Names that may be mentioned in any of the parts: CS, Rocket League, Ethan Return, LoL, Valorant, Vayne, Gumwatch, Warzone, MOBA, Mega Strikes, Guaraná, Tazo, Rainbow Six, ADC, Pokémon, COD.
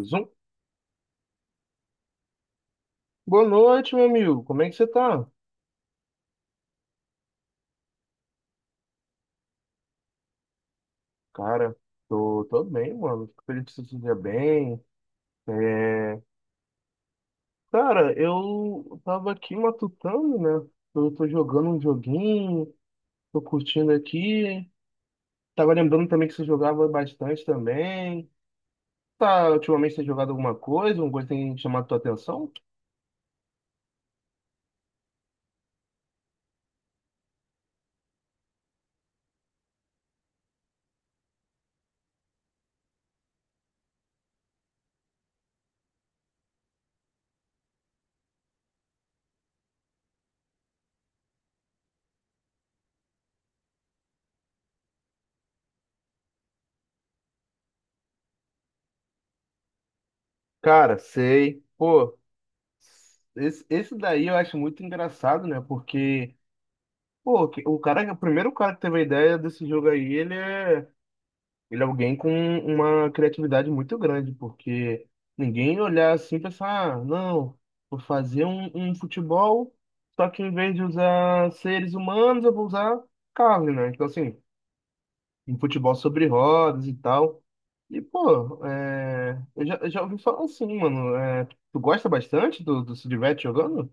Zoom. Boa noite, meu amigo. Como é que você tá? Cara, tô bem, mano. Fico feliz que você esteja bem. É, Cara, eu tava aqui matutando, né? Eu tô jogando um joguinho, tô curtindo aqui. Tava lembrando também que você jogava bastante também. Tá, ultimamente você tem jogado alguma coisa? Alguma coisa tem chamado tua atenção? Cara, sei. Pô, esse daí eu acho muito engraçado, né? Porque, pô, o cara, o primeiro cara que teve a ideia desse jogo aí, ele é. Ele é alguém com uma criatividade muito grande, porque ninguém olhar assim e pensar, ah, não, vou fazer um futebol, só que em vez de usar seres humanos, eu vou usar carne, né? Então, assim, um futebol sobre rodas e tal. E, pô, é, eu já ouvi falar assim, mano. É, tu gosta bastante do se diverte jogando?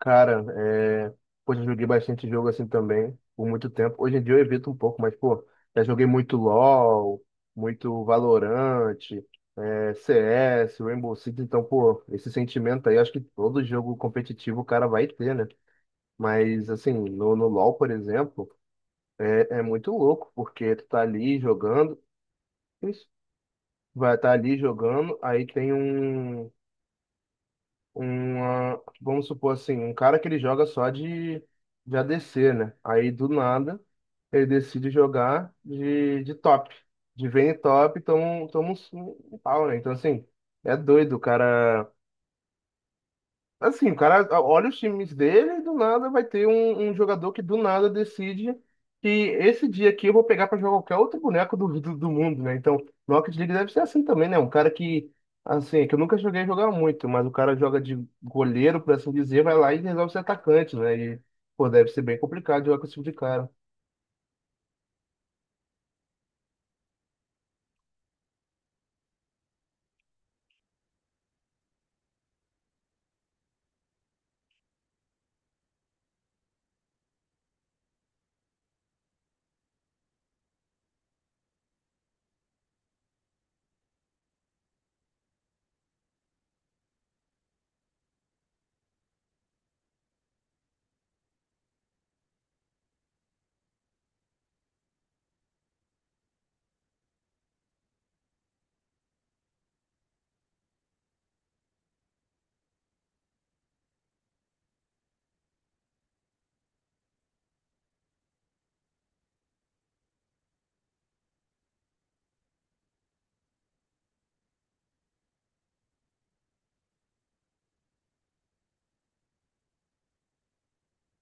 Cara, é... poxa, eu joguei bastante jogo assim também, por muito tempo. Hoje em dia eu evito um pouco, mas, pô, já joguei muito LoL, muito Valorant, é, CS, Rainbow Six, então, pô, esse sentimento aí, acho que todo jogo competitivo o cara vai ter, né? Mas, assim, no LoL, por exemplo, é, é muito louco, porque tu tá ali jogando, isso, vai estar tá ali jogando, aí tem um. Uma, vamos supor assim, um cara que ele joga só de ADC, né? Aí do nada ele decide jogar de top, de Vayne top, toma, toma um, um pau, né? Então assim, é doido o cara. Assim, o cara olha os times dele e do nada vai ter um jogador que do nada decide que esse dia aqui eu vou pegar para jogar qualquer outro boneco do mundo, né? Então, Rocket League deve ser assim também, né? Um cara que, assim, é que eu nunca joguei jogar muito, mas o cara joga de goleiro, por assim dizer, vai lá e resolve ser atacante, né? E, pô, deve ser bem complicado jogar com esse tipo de cara.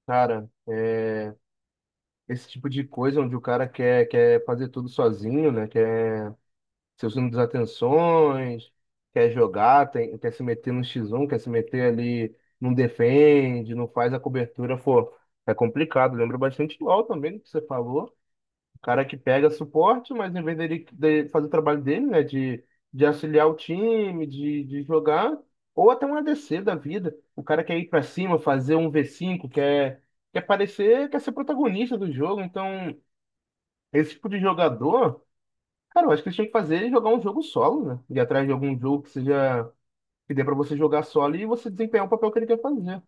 Cara, esse tipo de coisa onde o cara quer fazer tudo sozinho, né? Quer seus desatenções, quer jogar, quer se meter no X1, quer se meter ali, não defende, não faz a cobertura, pô, é complicado. Lembra bastante do LoL também, que você falou. Cara que pega suporte, mas em vez dele fazer o trabalho dele, né, de auxiliar o time, de jogar, ou até um ADC da vida. O cara quer ir pra cima, fazer um v cinco quer, quer parecer, quer ser protagonista do jogo. Então, esse tipo de jogador. Cara, eu acho que eles tinham que fazer é jogar um jogo solo, né? Ir atrás de algum jogo que seja que dê pra você jogar solo e você desempenhar o papel que ele quer fazer.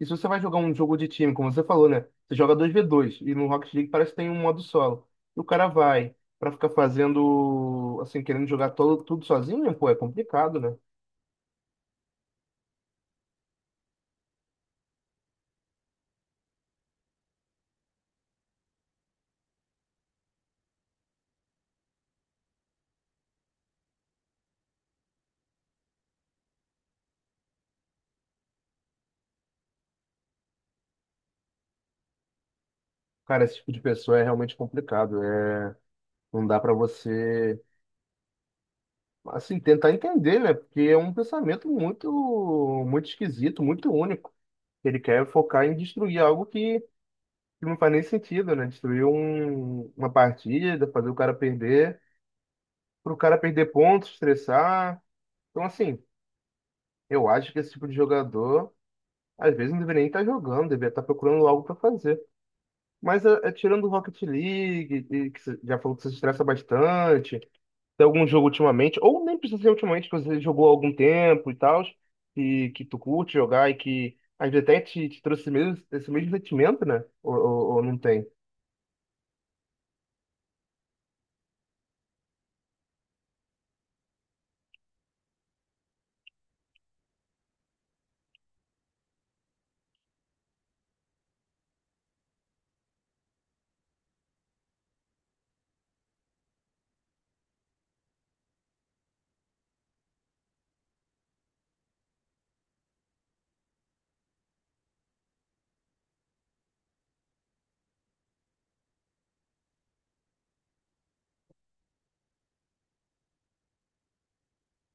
E se você vai jogar um jogo de time, como você falou, né? Você joga dois v dois e no Rocket League parece que tem um modo solo. E o cara vai pra ficar fazendo, assim, querendo jogar todo, tudo sozinho, pô, é complicado, né? Cara, esse tipo de pessoa é realmente complicado. É, não dá pra você, assim, tentar entender, né? Porque é um pensamento muito, muito esquisito, muito único. Ele quer focar em destruir algo que não faz nem sentido, né? Destruir uma partida, fazer o cara perder, pro cara perder pontos, estressar. Então, assim, eu acho que esse tipo de jogador, às vezes, não deveria nem estar jogando, deveria estar procurando algo para fazer. Mas é, tirando o Rocket League, e que você já falou que você se estressa bastante, tem algum jogo ultimamente, ou nem precisa ser ultimamente, que você jogou há algum tempo e tal, que tu curte jogar e que às vezes até te trouxe esse mesmo sentimento, né? Ou não tem?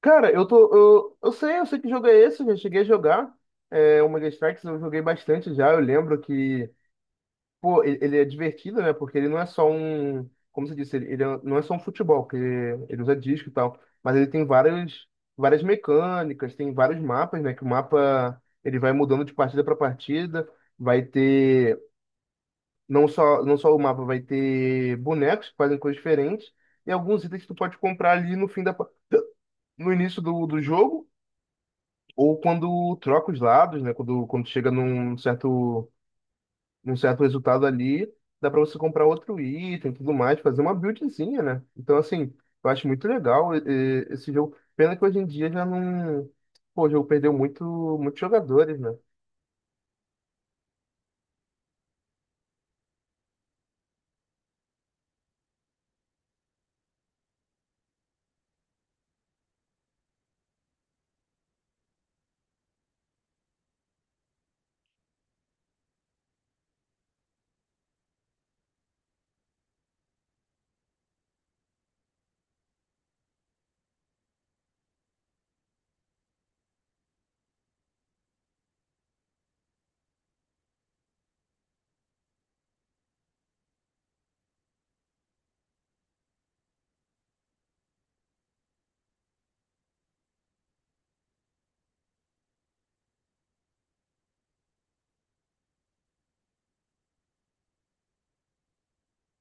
Cara, eu tô. Eu sei que jogo é esse, já cheguei a jogar. É, o Mega Strikes eu joguei bastante já. Eu lembro que, pô, ele é divertido, né? Porque ele não é só um. Como você disse, ele é- não é só um futebol, que ele usa disco e tal. Mas ele tem várias, várias mecânicas, tem vários mapas, né? Que o mapa ele vai mudando de partida para partida. Vai ter. Não só o mapa, vai ter bonecos que fazem coisas diferentes. E alguns itens que tu pode comprar ali no fim da. No início do jogo ou quando troca os lados, né? Quando chega num certo resultado ali, dá para você comprar outro item e tudo mais, fazer uma buildzinha, né? Então, assim, eu acho muito legal esse jogo. Pena que hoje em dia já não. Pô, o jogo perdeu muito, muitos jogadores, né?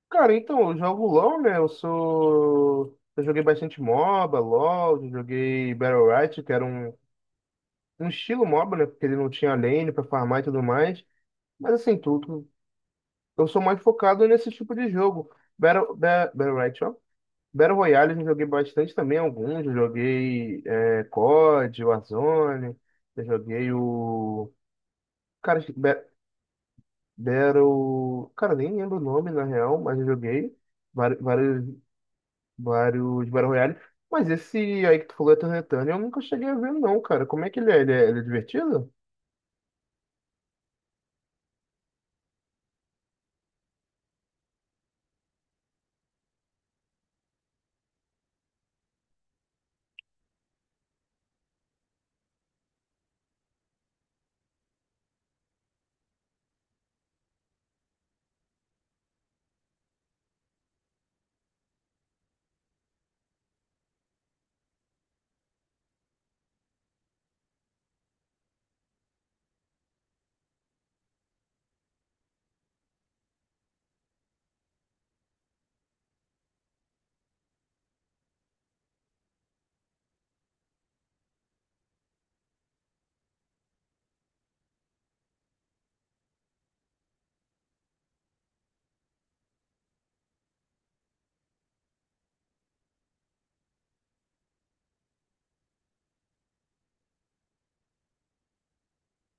Cara, então, eu jogo LoL, né? Eu sou. Eu joguei bastante MOBA, LoL, eu joguei Battle Royale, que era um estilo MOBA, né? Porque ele não tinha lane pra farmar e tudo mais. Mas assim, tudo eu sou mais focado nesse tipo de jogo. Battle, Ba- Battle, Royale, ó. Battle Royale eu já joguei bastante também, alguns. Eu joguei é, COD, Warzone, eu joguei o. Cara, acho que Ba- Battle. Cara, nem lembro o nome na real, mas eu joguei vários vários, vários, Battle Royale. Mas esse aí que tu falou, Ethan Return, eu nunca cheguei a ver, não, cara. Como é que ele é? Ele é divertido?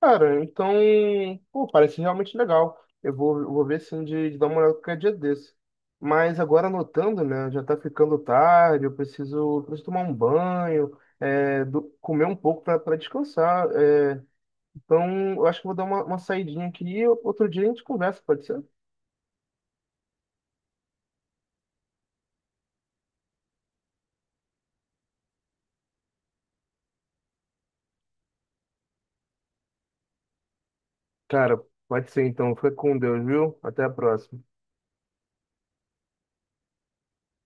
Cara, então, pô, parece realmente legal. Eu vou ver sim de dar uma olhada qualquer dia desse. Mas agora anotando, né? Já tá ficando tarde, eu preciso tomar um banho, comer um pouco para descansar. É. Então, eu acho que vou dar uma saidinha aqui e outro dia a gente conversa, pode ser? Cara, pode ser então. Fica com Deus, viu? Até a próxima.